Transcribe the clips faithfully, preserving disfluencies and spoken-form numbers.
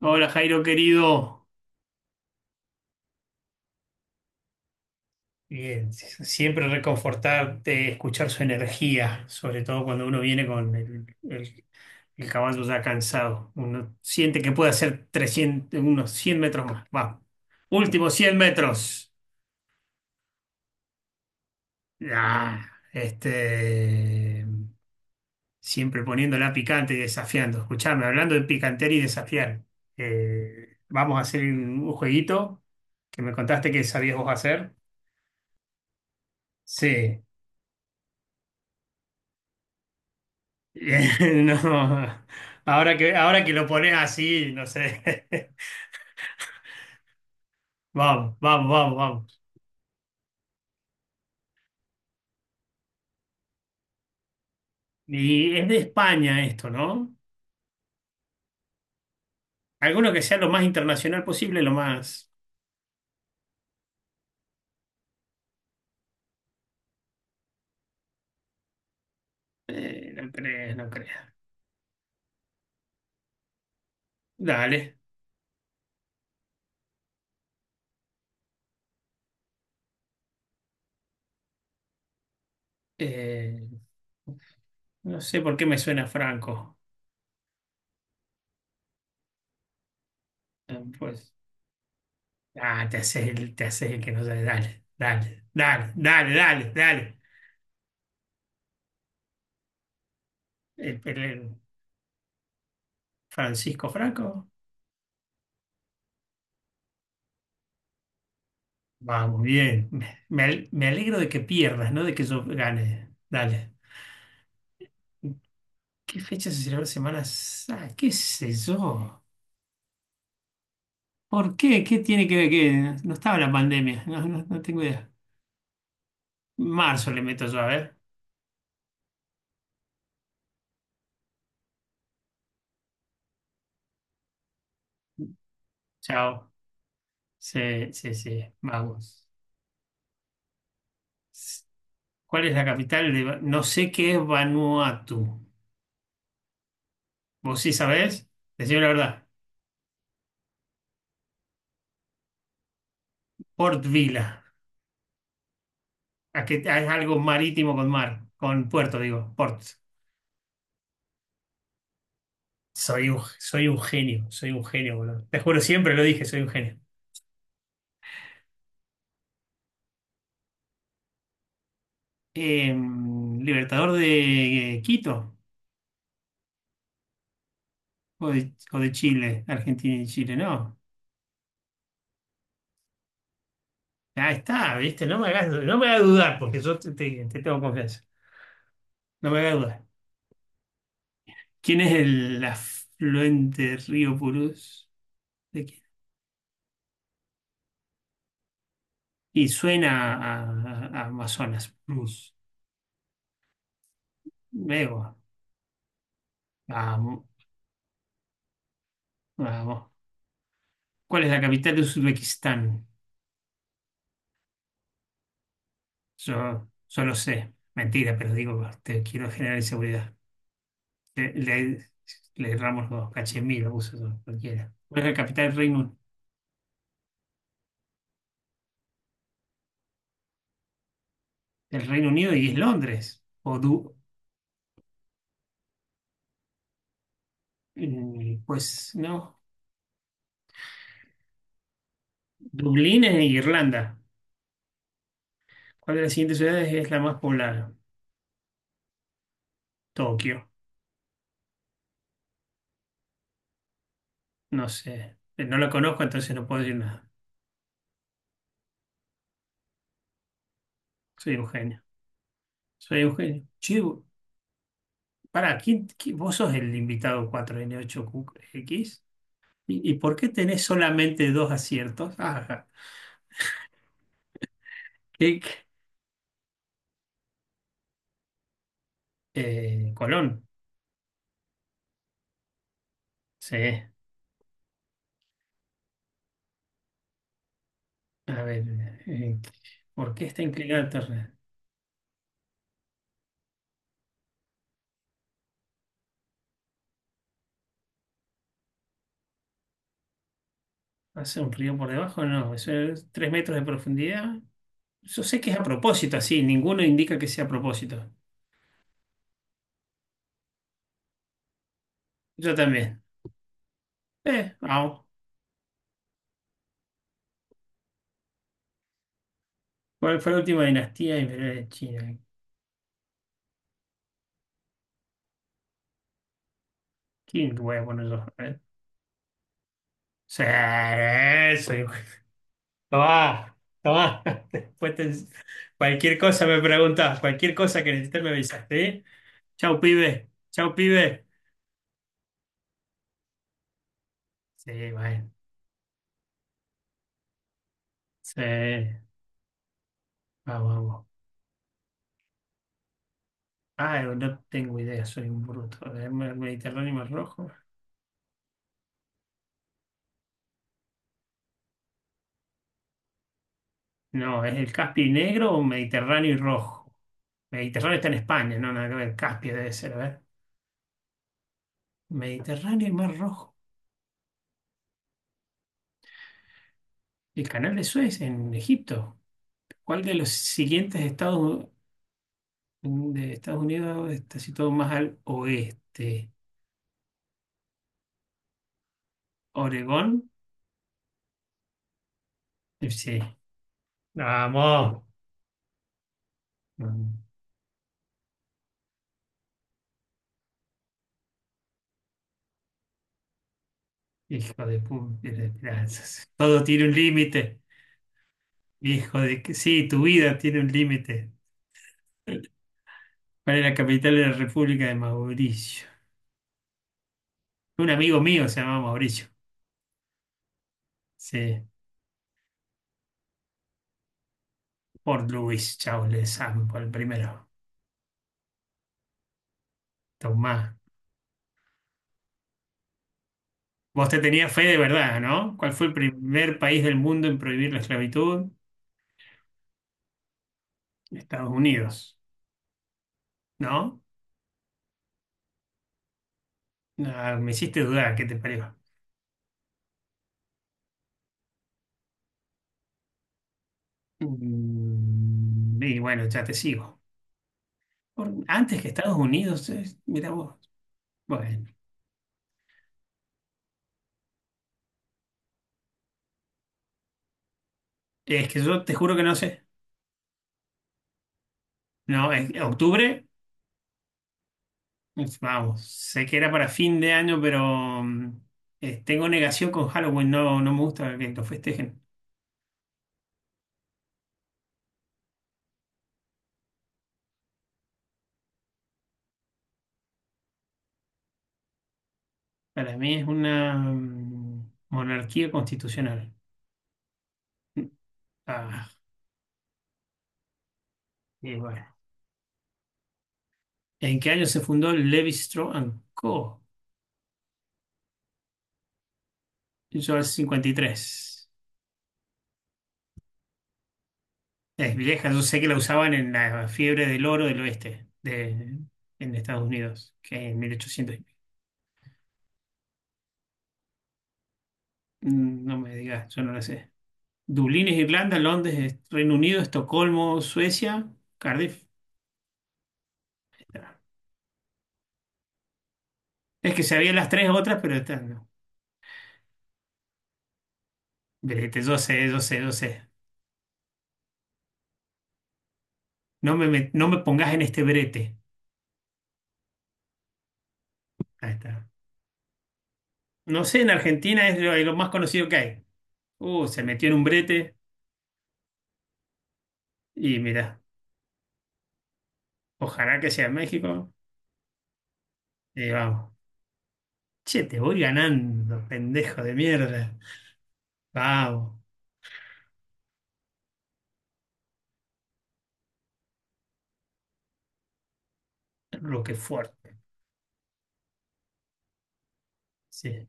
Hola Jairo querido, Eh, siempre reconfortarte, escuchar su energía, sobre todo cuando uno viene con el, el- el caballo ya cansado. Uno siente que puede hacer trescientos unos cien metros más. Vamos, últimos cien metros. Ah, este, siempre poniéndola picante y desafiando. Escuchame, hablando de picantear y desafiar. Eh, vamos a hacer un un jueguito que me contaste que sabías vos hacer. Sí. No. Ahora que, ahora que lo pones así, no sé. Vamos, vamos, vamos, vamos. Y es de España esto, ¿no? Alguno que sea lo más internacional posible, lo más... Eh, no crees, no creas. Dale. Eh, no sé por qué me suena Franco. Eh, Pues... Ah, te haces el, te haces el que no sabe. Dale, dale, dale, dale, dale, dale. El- el- el Francisco Franco. Vamos, bien. Me, me al- me alegro de que pierdas, no de que yo gane. Dale. ¿Qué fecha se celebra Semana Santa? ¿Qué sé yo? ¿Por qué? ¿Qué tiene que ver? Que No estaba la pandemia. No, no, no tengo idea. Marzo le meto yo, a ver. Chao. Sí, sí, sí. Vamos. ¿Cuál es la capital de... Va- No sé qué es Vanuatu. ¿Vos sí sabés? Decime la verdad. Port Vila. ¿A qué- a- es algo marítimo con mar. Con puerto, digo. Port. Soy un, soy un genio, soy un genio, boludo. Te juro, siempre lo dije, soy un genio. Eh, Libertador de eh, Quito o de, o de Chile, Argentina y Chile, no. Ahí está, viste, no me hagas, no me hagas dudar, porque yo te, te- te tengo confianza. No me hagas dudar. ¿Quién es el afluente río Purús? ¿De quién? Y suena a, a- a Amazonas, Purús. Luego. Vamos, vamos. ¿Cuál es la capital de Uzbekistán? Yo, yo lo sé, mentira, pero digo, te quiero generar inseguridad. Le, le, Le erramos los dos, Cachemira, uso eso, cualquiera. ¿Cuál es la capital del Reino, del Reino Unido? Y es Londres. O Du- mm, pues no, Dublín es en Irlanda. ¿Cuál de las siguientes ciudades es la más poblada? Tokio, no sé. No la conozco, entonces no puedo decir nada. Soy un genio. Soy un genio. Che, pará, ¿quién, quién- vos sos el invitado cuatro n ocho x. ¿Y, y por qué tenés solamente dos aciertos? Ajá. Clic, eh, Colón. Sí. A ver, eh, ¿por qué está inclinada la torre? ¿Hace un río por debajo? No, eso es tres metros de profundidad. Yo sé que es a propósito, así. Ninguno indica que sea a propósito. Yo también. Eh, vamos. ¿Cuál fue la última dinastía imperial de China? ¿Quién voy a poner yo? A ver. Sí, soy Tomá, tomá. Después te- Cualquier cosa me preguntás, cualquier cosa que necesites me avisas, ¿sí? Chau, pibe. Chau, pibe. Sí, bueno. Sí. Vamos, vamos. Ah, no tengo idea, soy un bruto. ¿Es mer- Mediterráneo y Mar Rojo? No, ¿es el Caspio y negro o Mediterráneo y rojo? Mediterráneo está en España, no, nada que ver. Caspio debe ser, a ver. Mediterráneo y Mar Rojo. El canal de Suez en Egipto. ¿Cuál de los siguientes estados? De Estados Unidos está situado más al oeste. Oregón, eh, sí. Vamos. Mm, Hijo de pu- de esperanzas. Todo tiene un límite. Hijo de que sí, tu vida tiene un límite. ¿Cuál es la capital de la República de Mauricio? Un amigo mío se llama Mauricio. Sí, por Luis Charles Sampo, el primero. Tomás. Vos te tenías fe de verdad, ¿no? ¿Cuál fue el primer país del mundo en prohibir la esclavitud? Estados Unidos, ¿no? Ah, me hiciste dudar, ¿qué te pareció? Mm, y bueno, ya te sigo. Por- antes que Estados Unidos, es- mira vos. Bueno, es que yo te juro que no sé. No, es octubre, es- vamos, sé que era para fin de año, pero mm, eh, tengo negación con Halloween, no, no me gusta que lo festejen. Para mí es una mm, monarquía constitucional. Mm, Ah, y bueno. ¿En qué año se fundó Levi Strauss and Co? Yo al tres. Es vieja, yo sé que la usaban en la fiebre del oro del oeste, de, en Estados Unidos, que en mil ochocientos y pico. Mm, No me digas, yo no la sé. Dublín es Irlanda, Londres es Reino Unido, Estocolmo, Suecia, Cardiff. Está. Es que sabía las tres otras, pero estas no. Brete, yo sé, yo sé, yo sé. No me, met- no me pongas en este brete. Ahí está. No sé, en Argentina es lo, lo más conocido que hay. Uh, se metió en un brete y mira, ojalá que sea México. Y vamos. Che, te voy ganando, pendejo de mierda. Vamos, Roquefort. Sí.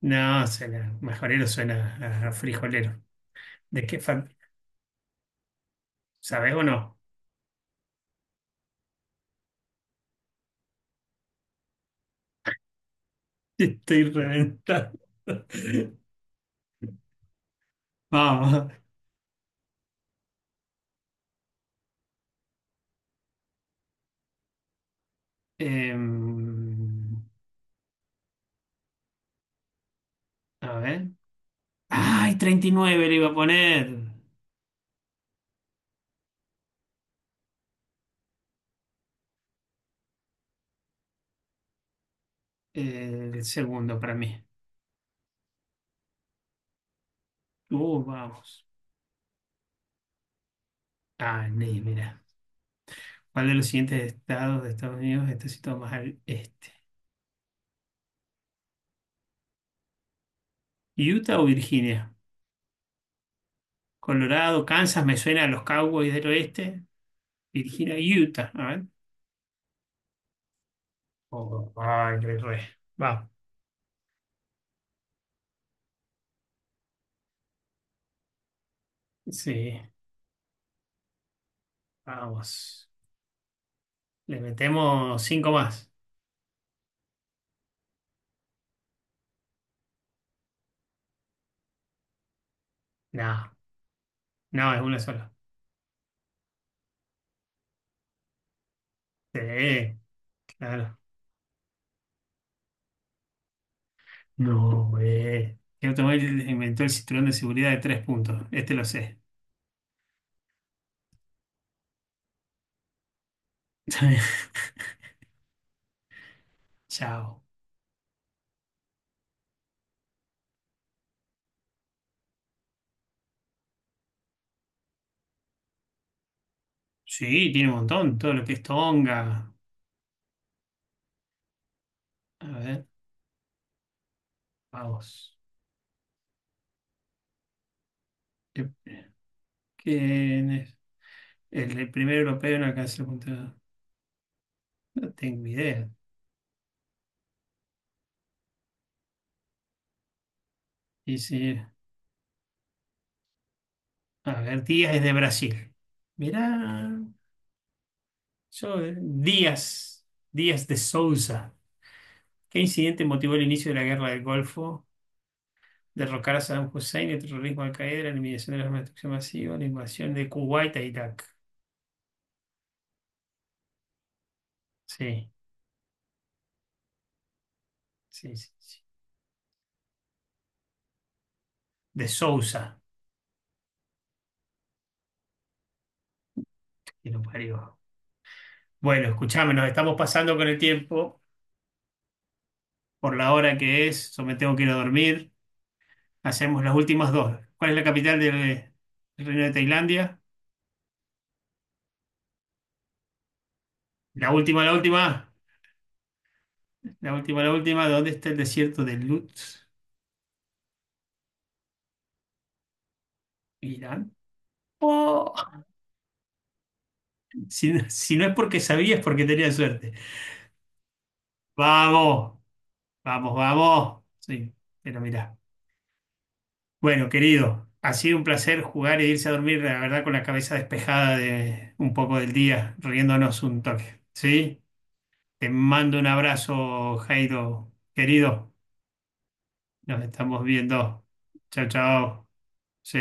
No, suena, majorero suena a frijolero. ¿De qué fan? ¿Sabés o no? Te Estoy reventando. Vamos. Em, a ver. ¡Ay, treinta y nueve le iba a poner! Eh, el segundo para mí. Uh, vamos. Ah, ni, mira. ¿Cuál de los siguientes estados de Estados Unidos está situado más al este? ¿Utah o Virginia? Colorado, Kansas, me suena a los Cowboys del Oeste. Virginia, Utah. A ver. Oh, ay, re, re. Va. Sí, vamos. Le metemos cinco más. No, no, es una sola. Sí, claro. No, güey. ¿Qué automóvil inventó el cinturón de seguridad de tres puntos? Este lo sé. Chao. Sí, tiene un montón. Todo lo que es Tonga. A ver, vamos. ¿Quién es? El, el primer europeo en alcanzar la punta. No tengo idea. Sí, sí. A ver, Díaz es de Brasil. Mirá, yo, eh, Díaz, Díaz de Souza. ¿Qué incidente motivó el inicio de la guerra del Golfo? Derrocar a Saddam Hussein, el terrorismo de Al-Qaeda, la eliminación de las armas de destrucción masiva, la invasión de Kuwait a Irak. Sí, sí, sí. sí. De Sousa que lo parió. Bueno, escuchame, nos estamos pasando con el tiempo, por la hora que es, yo me tengo que ir a dormir. Hacemos las últimas dos. ¿Cuál es la capital del Reino de Tailandia? La última, la última. La última, la última, ¿dónde está el desierto de Lutz? Irán. ¡Oh! Si, no si no es porque sabías, es porque tenía suerte. Vamos, vamos, vamos. Sí, pero mirá. Bueno, querido, ha sido un placer jugar e irse a dormir, la verdad, con la cabeza despejada de un poco del día, riéndonos un toque. ¿Sí? Te mando un abrazo, Jairo, querido. Nos estamos viendo. Chao, chao. Sí.